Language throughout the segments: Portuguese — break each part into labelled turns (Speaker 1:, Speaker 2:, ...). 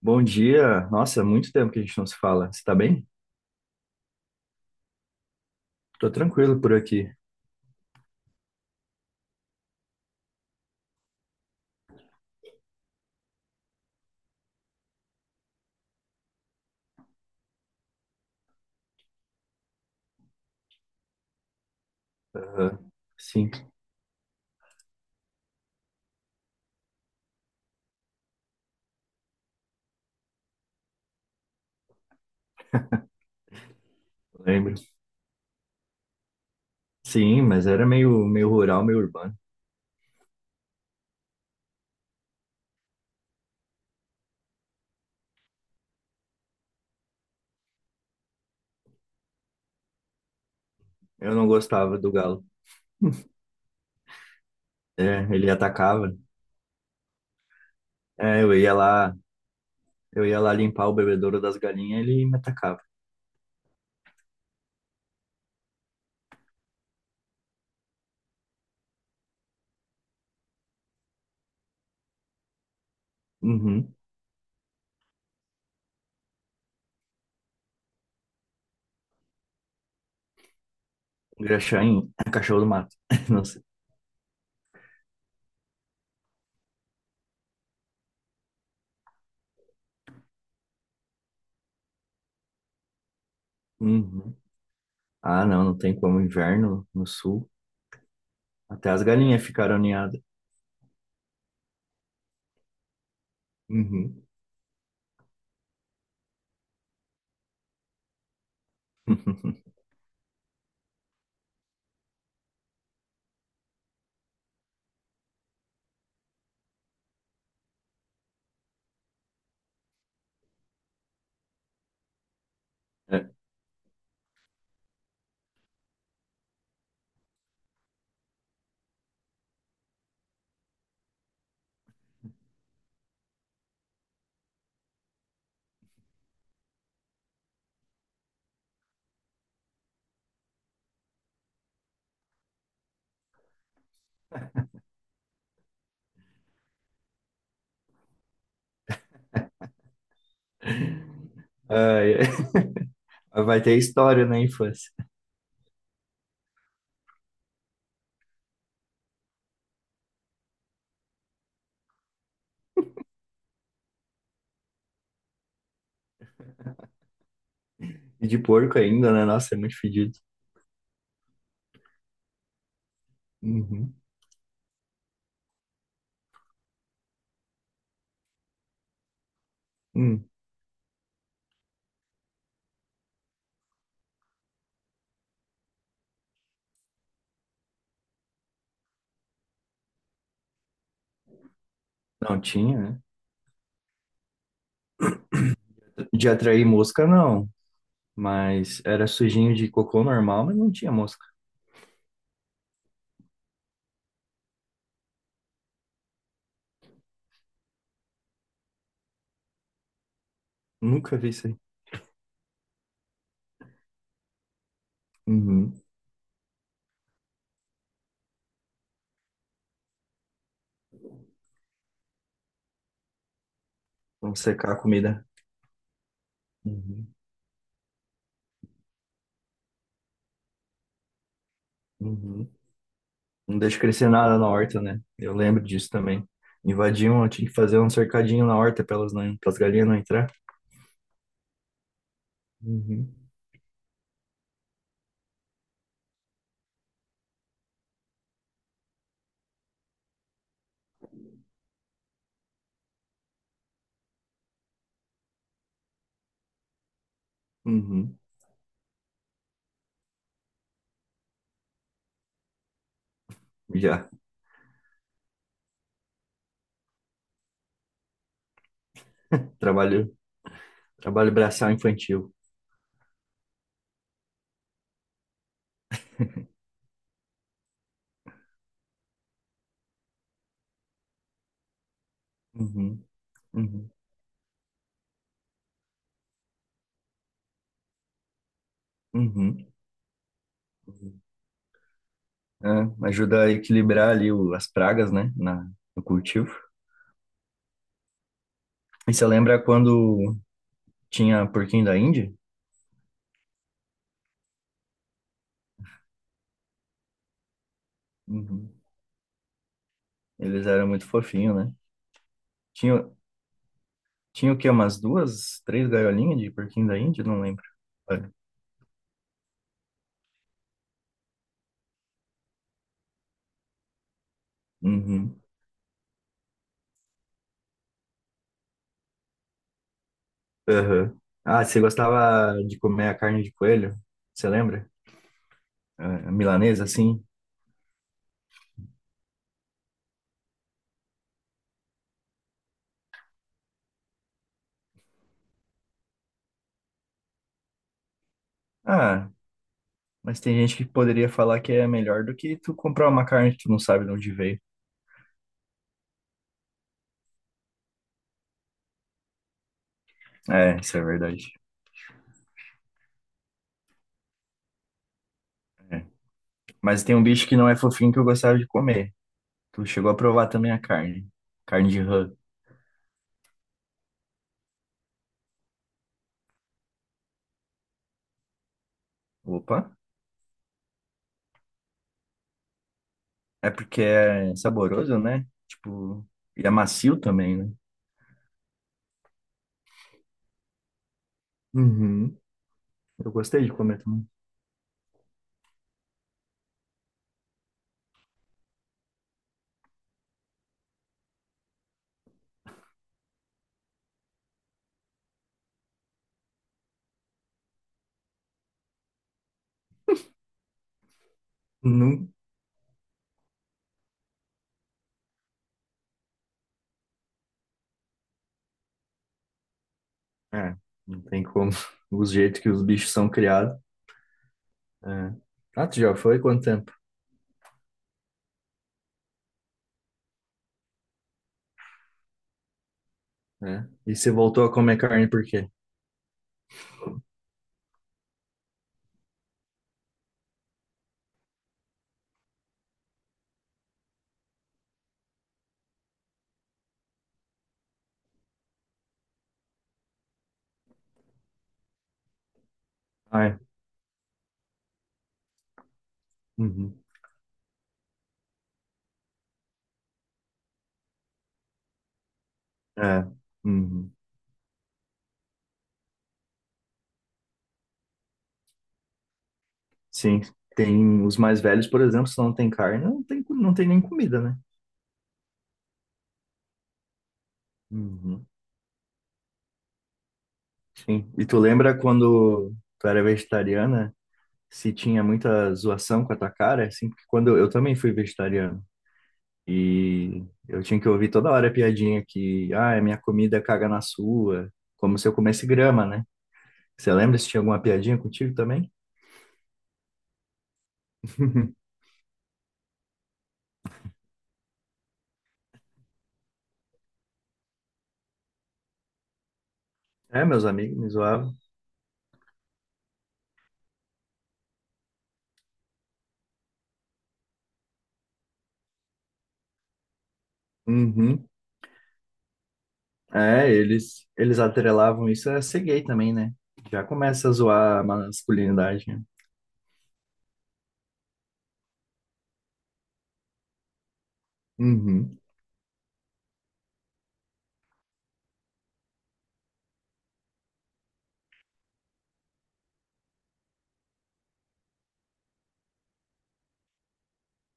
Speaker 1: Bom dia. Nossa, é muito tempo que a gente não se fala. Você tá bem? Tô tranquilo por aqui. Aham. Sim, lembro. Sim, mas era meio rural, meio urbano. Eu não gostava do galo. É, ele atacava. É, eu ia lá limpar o bebedouro das galinhas, ele me atacava. Uhum. Graxá em cachorro do mato. Não sei. Uhum. Ah, não tem como. Inverno no sul. Até as galinhas ficaram ninhadas. Uhum. É. Ai, vai ter história na infância. E de porco ainda, né? Nossa, é muito fedido. Uhum. Hum. Não tinha, né? De atrair mosca, não. Mas era sujinho de cocô normal, mas não tinha mosca. Nunca vi isso aí. Uhum. Vamos secar a comida. Uhum. Uhum. Não deixa crescer nada na horta, né? Eu lembro disso também. Invadiam, eu tinha que fazer um cercadinho na horta para elas não, para as galinhas não entrar. Uhum. Uhum. Já. Trabalho, trabalho braçal infantil. Uhum. Uhum. Uhum. É, ajuda a equilibrar ali o- as pragas, né, na, no cultivo. E você lembra quando tinha porquinho da Índia? Uhum. Eles eram muito fofinhos, né? Tinha, tinha o quê? Umas duas, três gaiolinhas de porquinho da Índia? Não lembro. Olha. Uhum. Aham. Ah, você gostava de comer a carne de coelho? Você lembra? A milanesa, assim? Ah, mas tem gente que poderia falar que é melhor do que tu comprar uma carne que tu não sabe de onde veio. É, isso é verdade. É. Mas tem um bicho que não é fofinho que eu gostava de comer. Tu chegou a provar também a carne. Carne de rã. Opa. É porque é saboroso, né? Tipo, e é macio também, né? Uhum. Eu gostei de comer também. Não, é, não tem como. Os jeitos que os bichos são criados. É. Ah, tu já foi? Quanto tempo? É. E você voltou a comer carne por quê? Ah, é. Uhum. É. Uhum. Sim. Tem os mais velhos, por exemplo, se não tem carne, não tem nem comida, né? Uhum. Sim. E tu lembra quando tu era vegetariana, se tinha muita zoação com a tua cara, assim, porque quando eu também fui vegetariano e eu tinha que ouvir toda hora a piadinha que, ah, minha comida caga na sua, como se eu comesse grama, né? Você lembra se tinha alguma piadinha contigo também? É, meus amigos me zoavam. Uhum. É, eles atrelavam isso a ser gay também, né? Já começa a zoar a masculinidade, né? Uhum.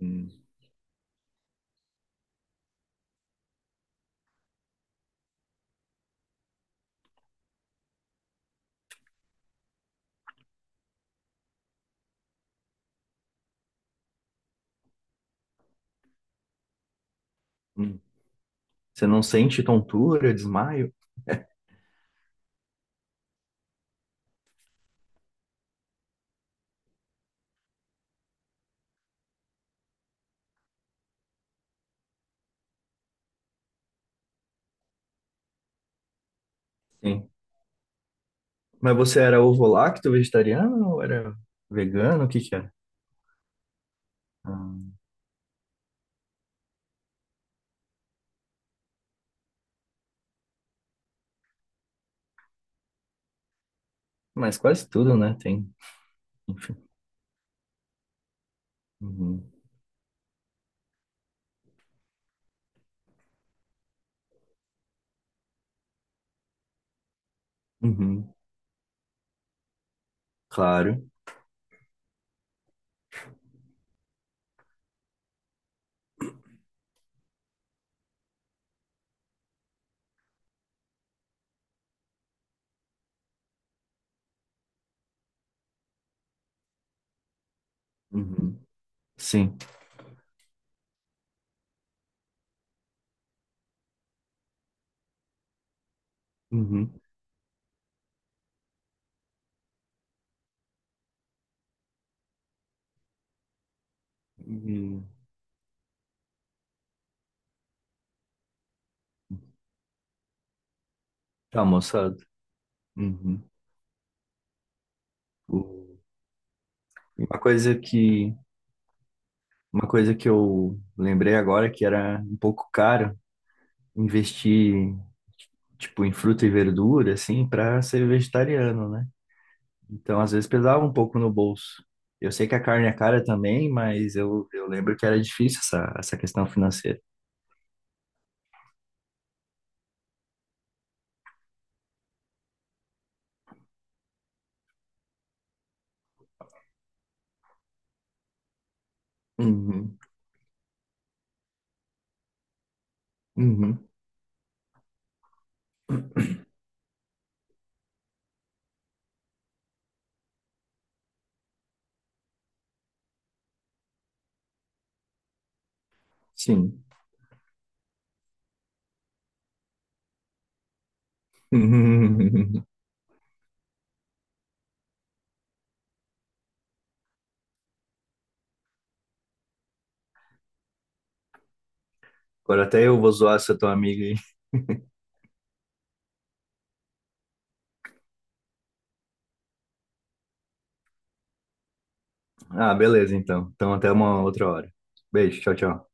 Speaker 1: Hum. Hum. Você não sente tontura, desmaio? Sim. Mas você era ovo-lacto, vegetariano ou era vegano? O que que era? Ah, mas quase tudo, né? Tem, enfim. Uhum. Uhum. Claro. Uhum. Sim. Uhum. E tá, moçada. Uhum. O- Uma coisa que, uma coisa que eu lembrei agora é que era um pouco caro investir, tipo, em fruta e verdura, assim, para ser vegetariano, né? Então, às vezes pesava um pouco no bolso. Eu sei que a carne é cara também, mas eu lembro que era difícil essa questão financeira. Uhum, uhum, sim. Agora até eu vou zoar essa tua amiga aí. Ah, beleza, então. Então, até uma outra hora. Beijo, tchau, tchau.